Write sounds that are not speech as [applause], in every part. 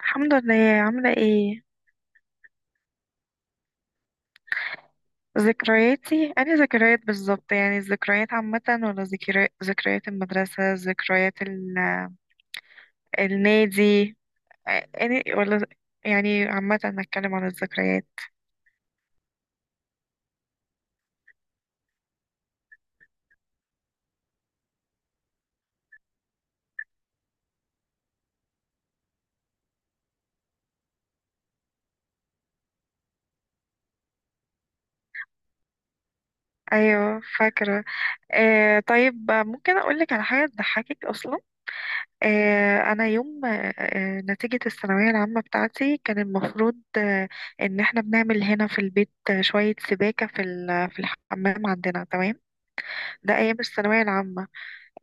الحمد لله. عاملة ايه؟ ذكرياتي أنا ذكريات بالظبط، يعني الذكريات عامة ولا ذكريات، ذكريات المدرسة، ذكريات النادي، أنا ولا يعني عامة نتكلم عن الذكريات. أيوة فاكرة. طيب، ممكن أقولك على حاجة تضحكك أصلا. آه أنا يوم آه آه، نتيجة الثانوية العامة بتاعتي كان المفروض، إن احنا بنعمل هنا في البيت، شوية سباكة في الحمام عندنا. تمام. ده أيام الثانوية العامة.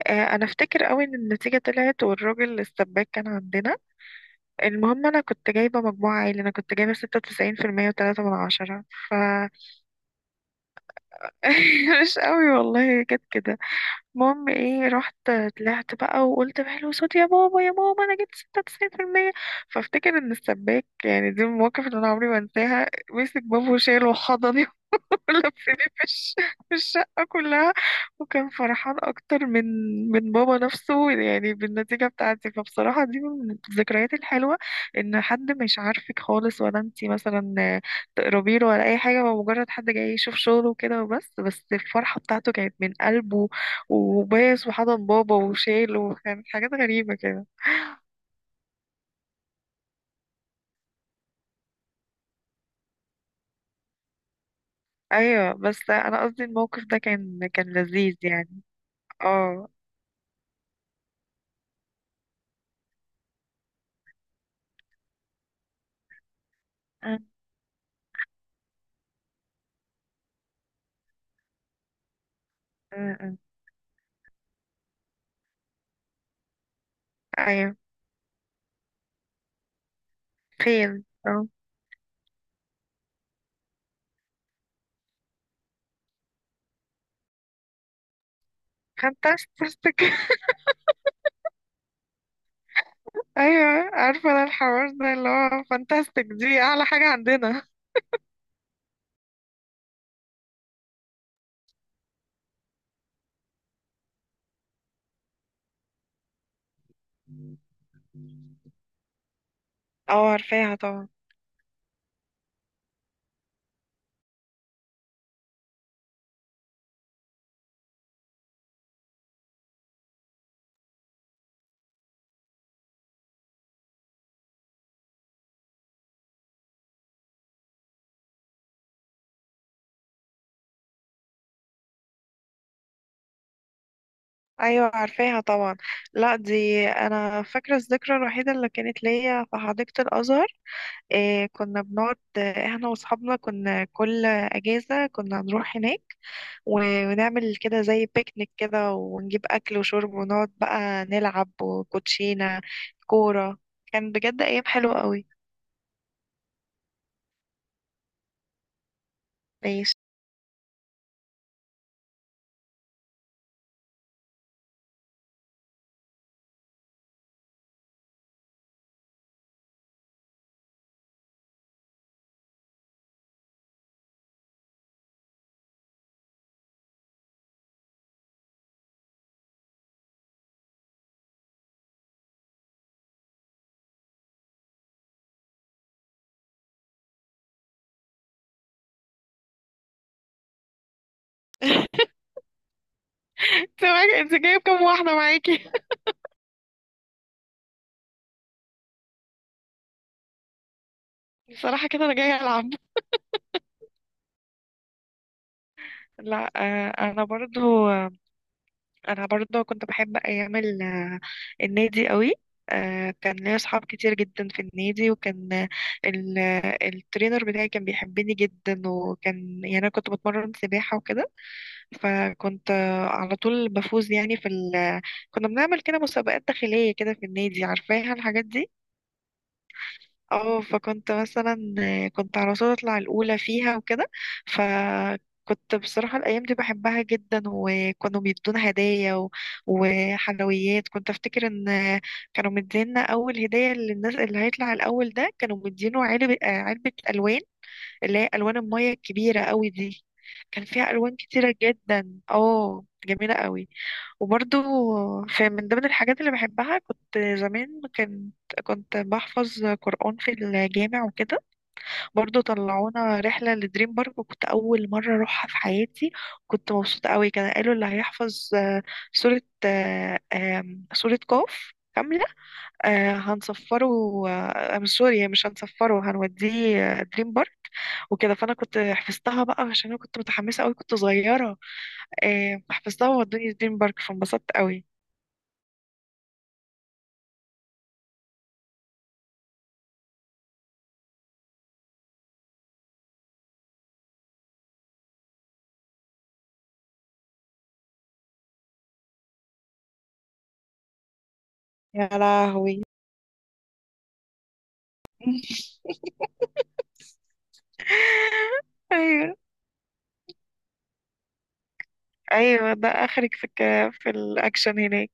أنا أفتكر أوي إن النتيجة طلعت والراجل السباك كان عندنا. المهم أنا كنت جايبة مجموعة عالي، أنا كنت جايبة 96% وتلاتة من عشرة. ف [laughs] مش أوي والله، جت كده. المهم إيه، رحت طلعت بقى وقلت بحلو صوتي يا بابا يا ماما أنا جبت 96%. فأفتكر إن السباك، يعني دي المواقف اللي أنا عمري ما أنساها، مسك بابه وشاله وحضن لفيني في الشقة كلها، وكان فرحان أكتر من بابا نفسه يعني بالنتيجة بتاعتي. فبصراحة دي من الذكريات الحلوة، إن حد مش عارفك خالص ولا أنتي مثلا تقربي له ولا أي حاجة، هو مجرد حد جاي يشوف شغله وكده بس الفرحة بتاعته كانت من قلبه، وبايس وحضن بابا وشايله، وكان حاجات غريبة كده. أيوة، بس أنا قصدي الموقف ده كان لذيذ يعني. اه. م- م- م. أيوه. فين؟ فانتاستيك. [laughs] ايوه، عارفه انا الحوار ده اللي هو فانتاستيك دي اعلى حاجه عندنا. اه، عارفاها طبعا. ايوه عارفاها طبعا. لا، دي انا فاكره الذكرى الوحيده اللي كانت ليا في حديقه الازهر. إيه، كنا بنقعد، احنا واصحابنا كنا كل اجازه كنا نروح هناك، ونعمل كده زي بيكنيك كده، ونجيب اكل وشرب، ونقعد بقى نلعب وكوتشينه، كوره. كان بجد ايام حلوه قوي. ماشي. [laughs] انت جايب كام واحده معاكي؟ بصراحة كده أنا جاية ألعب. لا. أنا برضو، كنت بحب أيام النادي قوي. كان ليا أصحاب كتير جدا في النادي، وكان ال- الترينر بتاعي كان بيحبني جدا، وكان يعني أنا كنت بتمرن سباحة وكده. فكنت على طول بفوز يعني كنا بنعمل كده مسابقات داخلية كده في النادي، عارفاها الحاجات دي. اه. فكنت مثلا كنت على طول اطلع الاولى فيها وكده. فكنت بصراحه الايام دي بحبها جدا، وكانوا بيدونا هدايا وحلويات. كنت افتكر ان، كانوا مدينا اول هديه للناس اللي هيطلع الاول، ده كانوا مدينه علبه، علبه الوان، اللي هي الوان الميه الكبيره قوي دي. كان فيها الوان كتيره جدا، اه، جميله قوي. وبرضو في من ضمن الحاجات اللي بحبها، كنت زمان كنت بحفظ قرآن في الجامع وكده. برضو طلعونا رحلة لدريم بارك، وكنت أول مرة أروحها في حياتي. كنت مبسوطة قوي. كان قالوا اللي هيحفظ، سورة آه، آم، سورة قاف كاملة، هنصفره، آه، آم، سوري مش هنصفره، هنوديه دريم بارك. وكده فأنا كنت حفظتها بقى عشان أنا كنت متحمسة قوي، كنت صغيرة. حفظتها وودوني دريم بارك فانبسطت قوي. يا لهوي. [laughs] ايوه، ايوه، ده اخرك في الاكشن هناك؟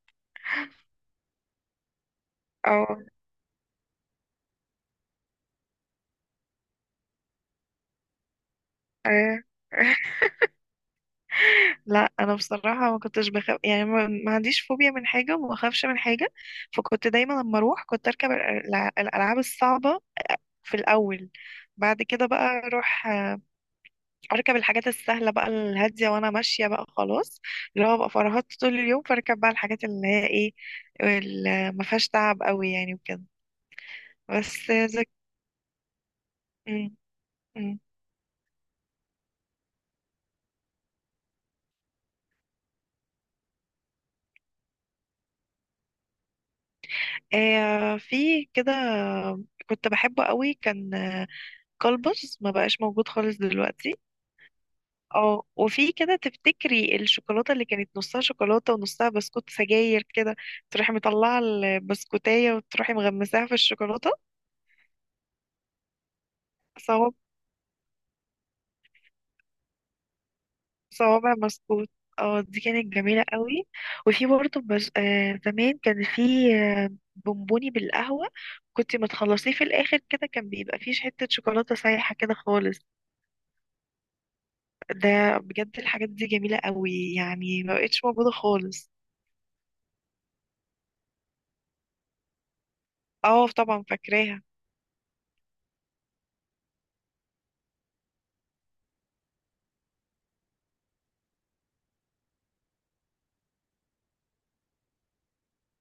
او. أيوة. [laughs] لا انا بصراحه ما كنتش بخاف يعني، ما عنديش فوبيا من حاجه، وما بخافش من حاجه. فكنت دايما لما اروح كنت اركب الالعاب الصعبه في الاول. بعد كده بقى اروح، اركب الحاجات السهله بقى، الهاديه، وانا ماشيه بقى خلاص. اللي هو بقى فرهدت طول اليوم، فاركب بقى الحاجات اللي هي ايه، اللي ما فيهاش تعب قوي يعني وكده. بس. مم. مم. في كده كنت بحبه قوي، كان كلبس، ما بقاش موجود خالص دلوقتي. اه، وفي كده تفتكري الشوكولاتة اللي كانت نصها شوكولاتة ونصها بسكوت سجاير كده، تروحي مطلعة البسكوتاية وتروحي مغمساها في الشوكولاتة. صواب، صوابع بسكوت. اه دي كانت جميلة قوي. وفي برضه، بس زمان كان في، آه، بونبوني بالقهوة، كنت ما تخلصيه في الآخر كده كان بيبقى فيه حتة شوكولاتة سايحة كده خالص. ده بجد الحاجات دي جميلة قوي يعني ما بقتش موجودة خالص. اه طبعا فاكراها.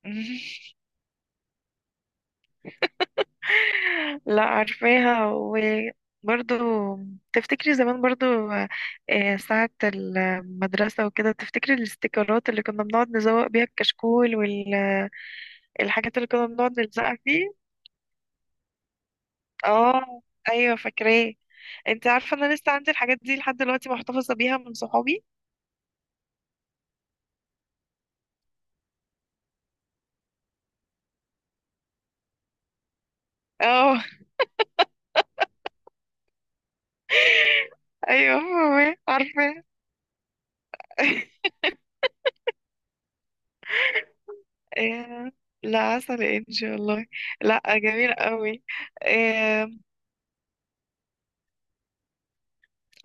[laughs] لا عارفاها. وبرضو تفتكري زمان برضو، ساعة المدرسة وكده، تفتكري الاستيكرات اللي كنا بنقعد نزوق بيها الكشكول والحاجات، اللي كنا بنقعد نلزقها فيه. اه. ايوه فاكراه. انت عارفة انا لسه عندي الحاجات دي لحد دلوقتي، محتفظة بيها من صحابي. اه، ايوه فاهمة، عارفة. [laughs] آه، لا عسل انجي والله، لا جميل قوي. اه.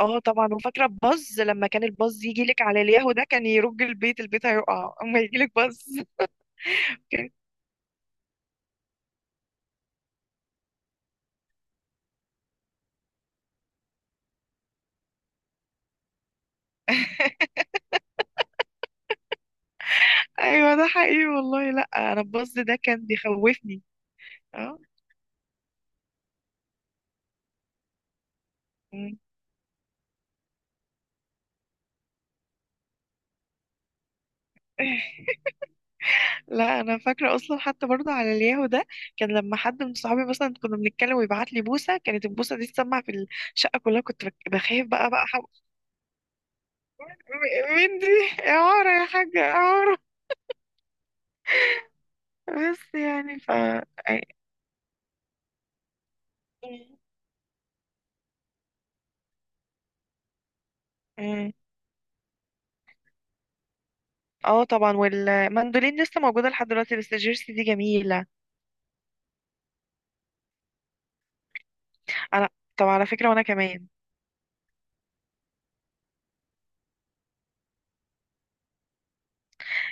طبعا. وفاكره الباز لما كان الباز يجي لك على الياهو ده، كان يرج البيت، البيت هيقع اما يجي لك باز. [laughs] كان- ايوه، ده حقيقي والله. لا انا الباز ده كان بيخوفني. اه. مم. [laughs] لا انا فاكره اصلا حتى برضه على الياهو ده، كان لما حد من صحابي مثلا كنا بنتكلم ويبعت لي بوسه، كانت البوسه دي تسمع في الشقه كلها، كنت بخاف بقى حب... مين دي؟ يا عمر يا حاجه يا عمر. بس يعني مم. مم. اه طبعا، والمندولين لسه موجودة لحد دلوقتي، بس الجيرسي دي جميلة. انا. طب على فكرة، وانا كمان.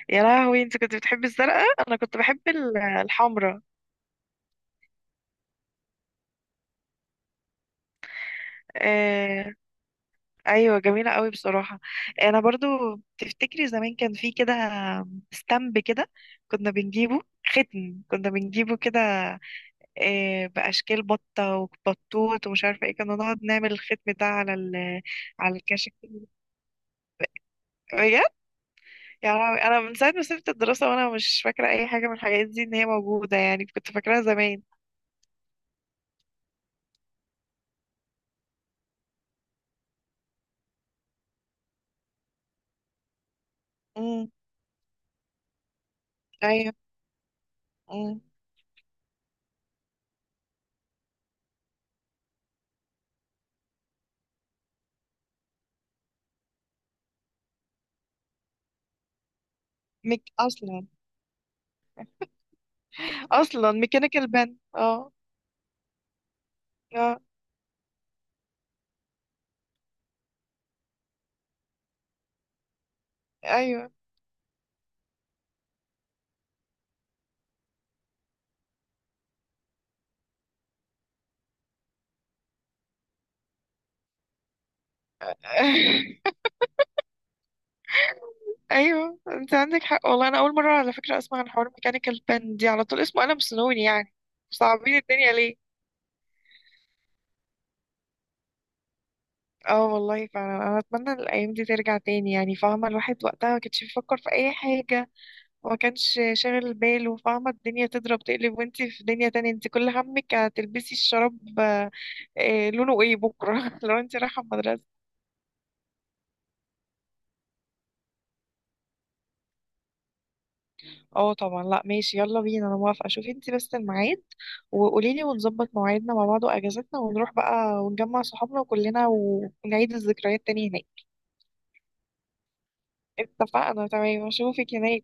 يا لهوي، انت كنت بتحبي الزرقاء؟ انا كنت بحب الحمراء. آه... ايوه جميلة قوي بصراحة. انا برضو تفتكري زمان كان في كده، ستامب كده كنا بنجيبه، ختم كنا بنجيبه كده، آه، بأشكال بطة وبطوط ومش عارفة ايه، كنا نقعد نعمل الختم ده على الكشك. [laughs] يا لهوي، انا من ساعه ما سبت الدراسه وانا مش فاكره اي حاجه من الحاجات دي ان هي موجوده يعني، كنت فاكراها زمان. امم. ايوه. امم. اصلا، ميكانيكال بن؟ اه. اه. ايوه. [laughs] ايوه، انت عندك حق والله، انا اول مره على فكره اسمع عن حوار ميكانيكال بن دي، على طول اسمه قلم سنوني يعني. صعبين الدنيا ليه؟ اه والله فعلا، انا اتمنى الايام دي ترجع تاني يعني، فاهمه الواحد وقتها ما كانش بيفكر في اي حاجه وما كانش شاغل باله، فاهمة الدنيا تضرب تقلب وانتي في دنيا تانية، انتي كل همك هتلبسي الشراب، لونه ايه بكرة، [laughs] لو انتي رايحة المدرسة. اه طبعا، لا ماشي، يلا بينا، انا موافقة. شوفي انتي بس الميعاد وقوليلي، ونظبط مواعيدنا مع بعض واجازتنا، ونروح بقى ونجمع صحابنا كلنا ونعيد الذكريات تاني هناك. اتفقنا، تمام، اشوفك هناك.